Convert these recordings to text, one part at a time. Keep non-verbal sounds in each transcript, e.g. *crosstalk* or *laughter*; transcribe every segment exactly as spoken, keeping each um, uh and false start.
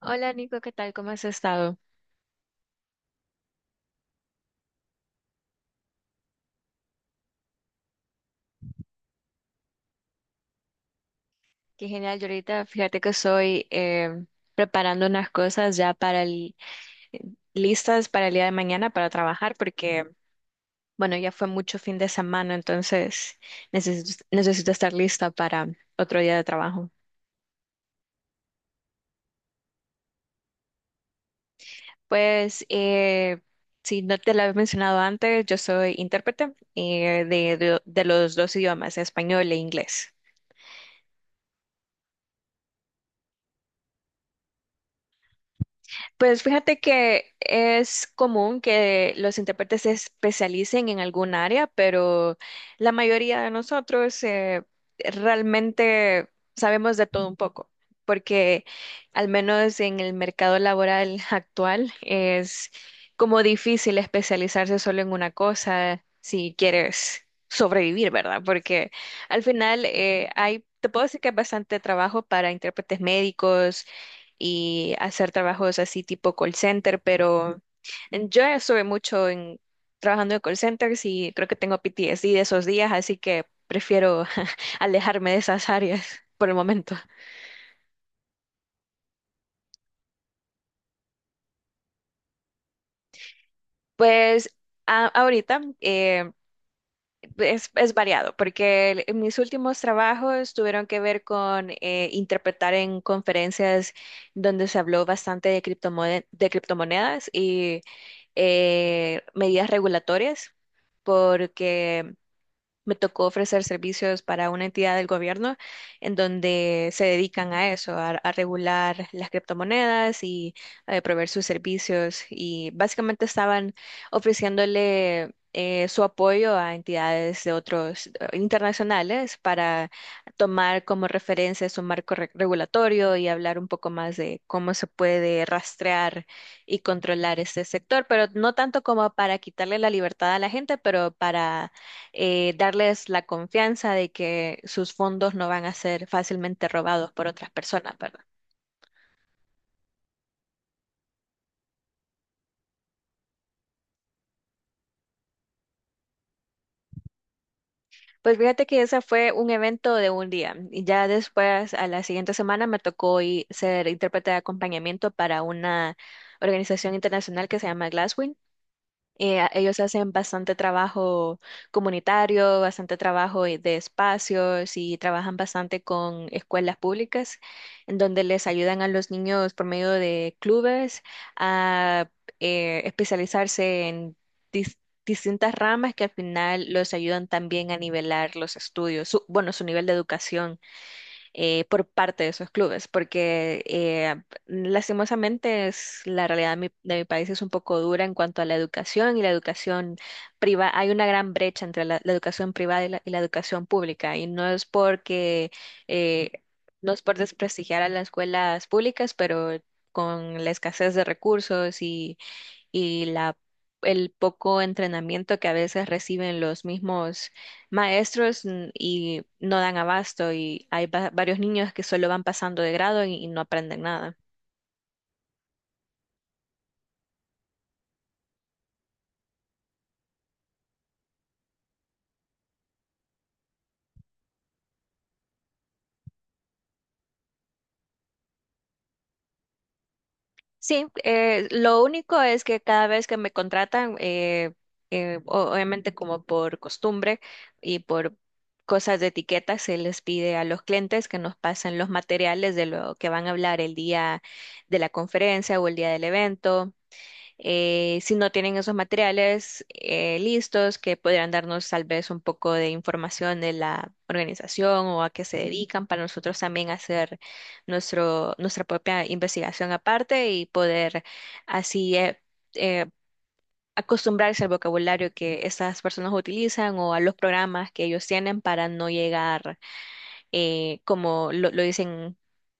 Hola Nico, ¿qué tal? ¿Cómo has estado? Qué genial, yo ahorita fíjate que estoy eh, preparando unas cosas ya para el, listas para el día de mañana para trabajar porque, bueno, ya fue mucho fin de semana, entonces necesito, necesito estar lista para otro día de trabajo. Pues, eh, si no te lo había mencionado antes, yo soy intérprete eh, de, de de los dos idiomas, español e inglés. Pues fíjate que es común que los intérpretes se especialicen en algún área, pero la mayoría de nosotros eh, realmente sabemos de todo un poco, porque al menos en el mercado laboral *laughs* actual es como difícil especializarse solo en una cosa si quieres sobrevivir, ¿verdad? Porque al final eh, hay, te puedo decir que hay bastante trabajo para intérpretes médicos y hacer trabajos así tipo call center, pero yo estuve mucho en trabajando en call centers y creo que tengo P T S D de esos días, así que prefiero *laughs* alejarme de esas áreas por el momento. Pues a- ahorita eh, es, es variado, porque el- en mis últimos trabajos tuvieron que ver con eh, interpretar en conferencias donde se habló bastante de criptomone- de criptomonedas y eh, medidas regulatorias porque me tocó ofrecer servicios para una entidad del gobierno en donde se dedican a eso, a, a regular las criptomonedas y a proveer sus servicios. Y básicamente estaban ofreciéndole eh, su apoyo a entidades de otros eh, internacionales para tomar como referencia su marco re- regulatorio y hablar un poco más de cómo se puede rastrear y controlar este sector, pero no tanto como para quitarle la libertad a la gente, pero para eh, darles la confianza de que sus fondos no van a ser fácilmente robados por otras personas, ¿verdad? Pues fíjate que ese fue un evento de un día y ya después a la siguiente semana me tocó i- ser intérprete de acompañamiento para una organización internacional que se llama Glasswing. Eh, ellos hacen bastante trabajo comunitario, bastante trabajo eh, de espacios y trabajan bastante con escuelas públicas, en donde les ayudan a los niños por medio de clubes a eh, especializarse en dis- distintas ramas que al final los ayudan también a nivelar los estudios, su- bueno, su nivel de educación eh, por parte de esos clubes, porque eh, lastimosamente es, la realidad de mi, de mi país es un poco dura en cuanto a la educación y la educación privada. Hay una gran brecha entre la, la educación privada y la, y la educación pública, y no es porque, eh, no es por desprestigiar a las escuelas públicas, pero con la escasez de recursos y y la, el poco entrenamiento que a veces reciben los mismos maestros mm, y no dan abasto y hay va- varios niños que solo van pasando de grado y, y no aprenden nada. Sí, eh, lo único es que cada vez que me contratan, eh, eh, o- obviamente como por costumbre y por cosas de etiqueta, se les pide a los clientes que nos pasen los materiales de lo que van a hablar el día de la conferencia o el día del evento. Eh, si no tienen esos materiales eh, listos, que podrían darnos tal vez un poco de información de la organización o a qué se dedican para nosotros también hacer nuestro, nuestra propia investigación aparte y poder así eh, eh, acostumbrarse al vocabulario que estas personas utilizan o a los programas que ellos tienen para no llegar, eh, como lo, lo dicen.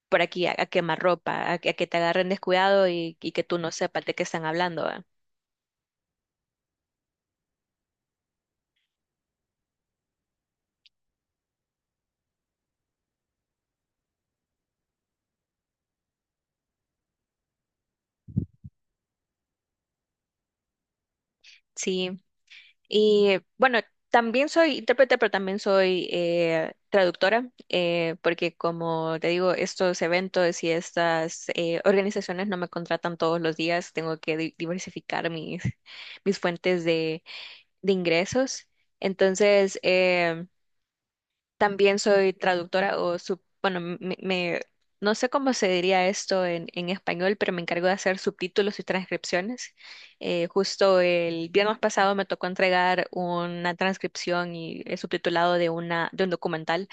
Por aquí a, a quemar ropa, a, a que te agarren descuidado y, y que tú no sepas de qué están hablando, ¿va? Sí. Y bueno, también soy intérprete, pero también soy eh, traductora, eh, porque como te digo, estos eventos y estas eh, organizaciones no me contratan todos los días, tengo que di- diversificar mis, *laughs* mis fuentes de, de ingresos. Entonces, em, también soy traductora o, sub- bueno, me, me- no sé cómo se diría esto en, en español, pero me encargo de hacer subtítulos y transcripciones. Eh, justo el viernes pasado me tocó entregar una transcripción y el subtitulado de, una, de un documental.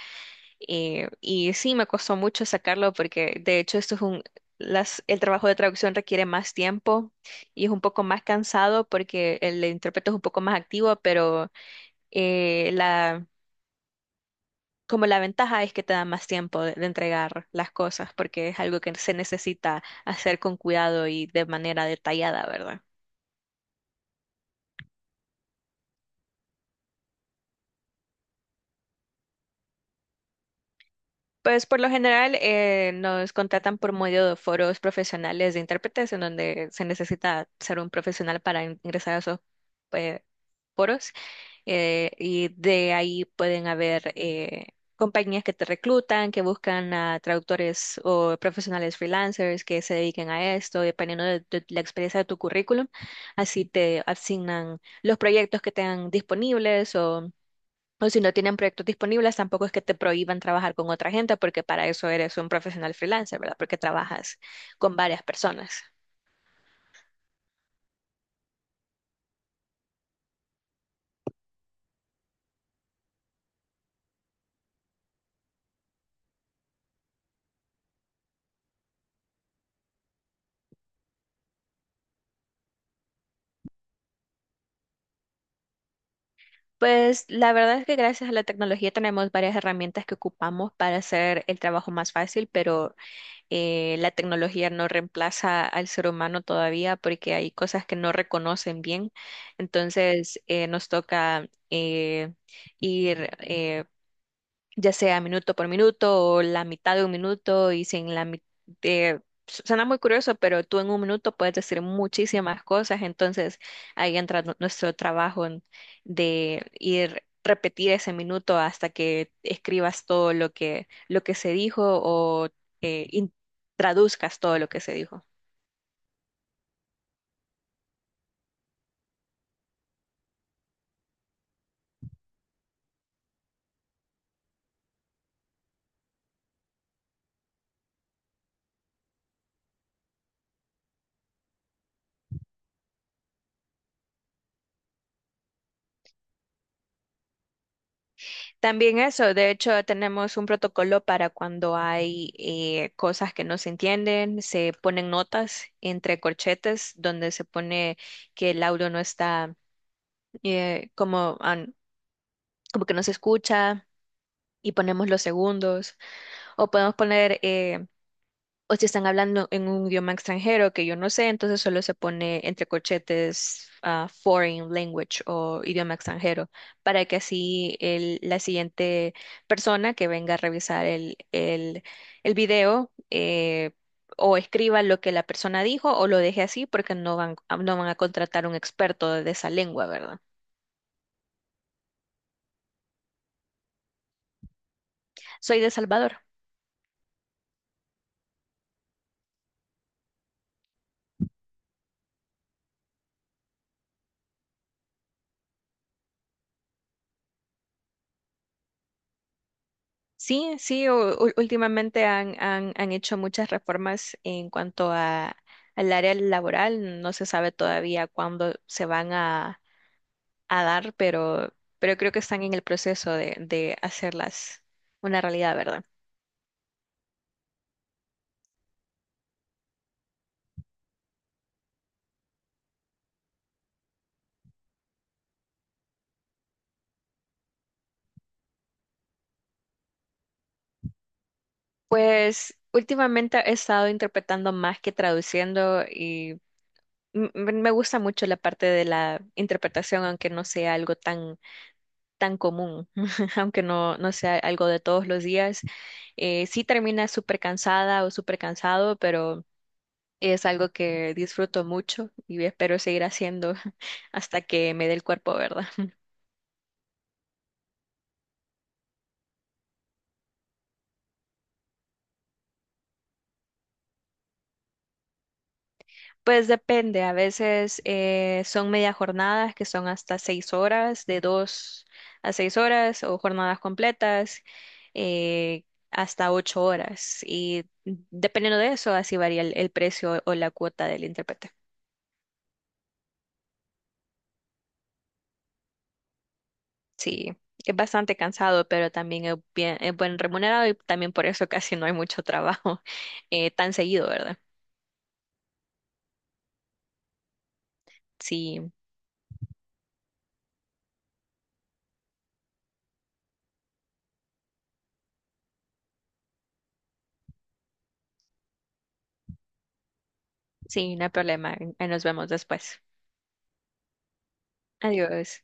Eh, y sí, me costó mucho sacarlo porque de hecho esto es un... Las, el trabajo de traducción requiere más tiempo y es un poco más cansado porque el intérprete es un poco más activo, pero eh, la como la ventaja es que te da más tiempo de, de entregar las cosas porque es algo que se necesita hacer con cuidado y de manera detallada, ¿verdad? Pues por lo general eh, nos contratan por medio de foros profesionales de intérpretes en donde se necesita ser un profesional para in- ingresar a esos eh, foros, eh, y de ahí pueden haber eh, compañías que te reclutan, que buscan a traductores o profesionales freelancers que se dediquen a esto, dependiendo de, de la experiencia de tu currículum. Así te asignan los proyectos que tengan disponibles o, o si no tienen proyectos disponibles, tampoco es que te prohíban trabajar con otra gente, porque para eso eres un profesional freelancer, ¿verdad? Porque trabajas con varias personas. Pues la verdad es que gracias a la tecnología tenemos varias herramientas que ocupamos para hacer el trabajo más fácil, pero eh, la tecnología no reemplaza al ser humano todavía porque hay cosas que no reconocen bien. Entonces eh, nos toca eh, ir eh, ya sea minuto por minuto o la mitad de un minuto y sin la mitad suena muy curioso, pero tú en un minuto puedes decir muchísimas cosas, entonces ahí entra nu- nuestro trabajo en- de ir repetir ese minuto hasta que escribas todo lo que lo que se dijo o eh, in- traduzcas todo lo que se dijo. También eso, de hecho, tenemos un protocolo para cuando hay eh, cosas que no se entienden, se ponen notas entre corchetes donde se pone que el audio no está eh, como, an- como que no se escucha y ponemos los segundos o podemos poner eh, o si están hablando en un idioma extranjero que yo no sé, entonces solo se pone entre corchetes ah, foreign language o idioma extranjero, para que así el- la siguiente persona que venga a revisar el, el- el video eh, o escriba lo que la persona dijo o lo deje así porque no van, no van a contratar un experto de esa lengua, ¿verdad? Soy de Salvador. Sí, sí, u- u- últimamente han, han, han hecho muchas reformas en cuanto a, al área laboral. No se sabe todavía cuándo se van a, a dar, pero, pero creo que están en el proceso de, de hacerlas una realidad, ¿verdad? Pues últimamente he estado interpretando más que traduciendo y m- m- me gusta mucho la parte de la interpretación, aunque no sea algo tan tan común, *laughs* aunque no, no sea algo de todos los días. Eh, sí termina súper cansada o súper cansado, pero es algo que disfruto mucho y espero seguir haciendo *laughs* hasta que me dé el cuerpo, ¿verdad? Pues depende, a veces eh, son media jornadas que son hasta seis horas, de dos a seis horas, o jornadas completas, eh, hasta ocho horas. Y dependiendo de eso, así varía el el precio o la cuota del intérprete. Sí, es bastante cansado, pero también es bien, es buen remunerado y también por eso *laughs* casi no hay mucho trabajo *laughs* eh, tan seguido, ¿verdad? Sí, sí, no hay problema. Ahí nos vemos después. Adiós.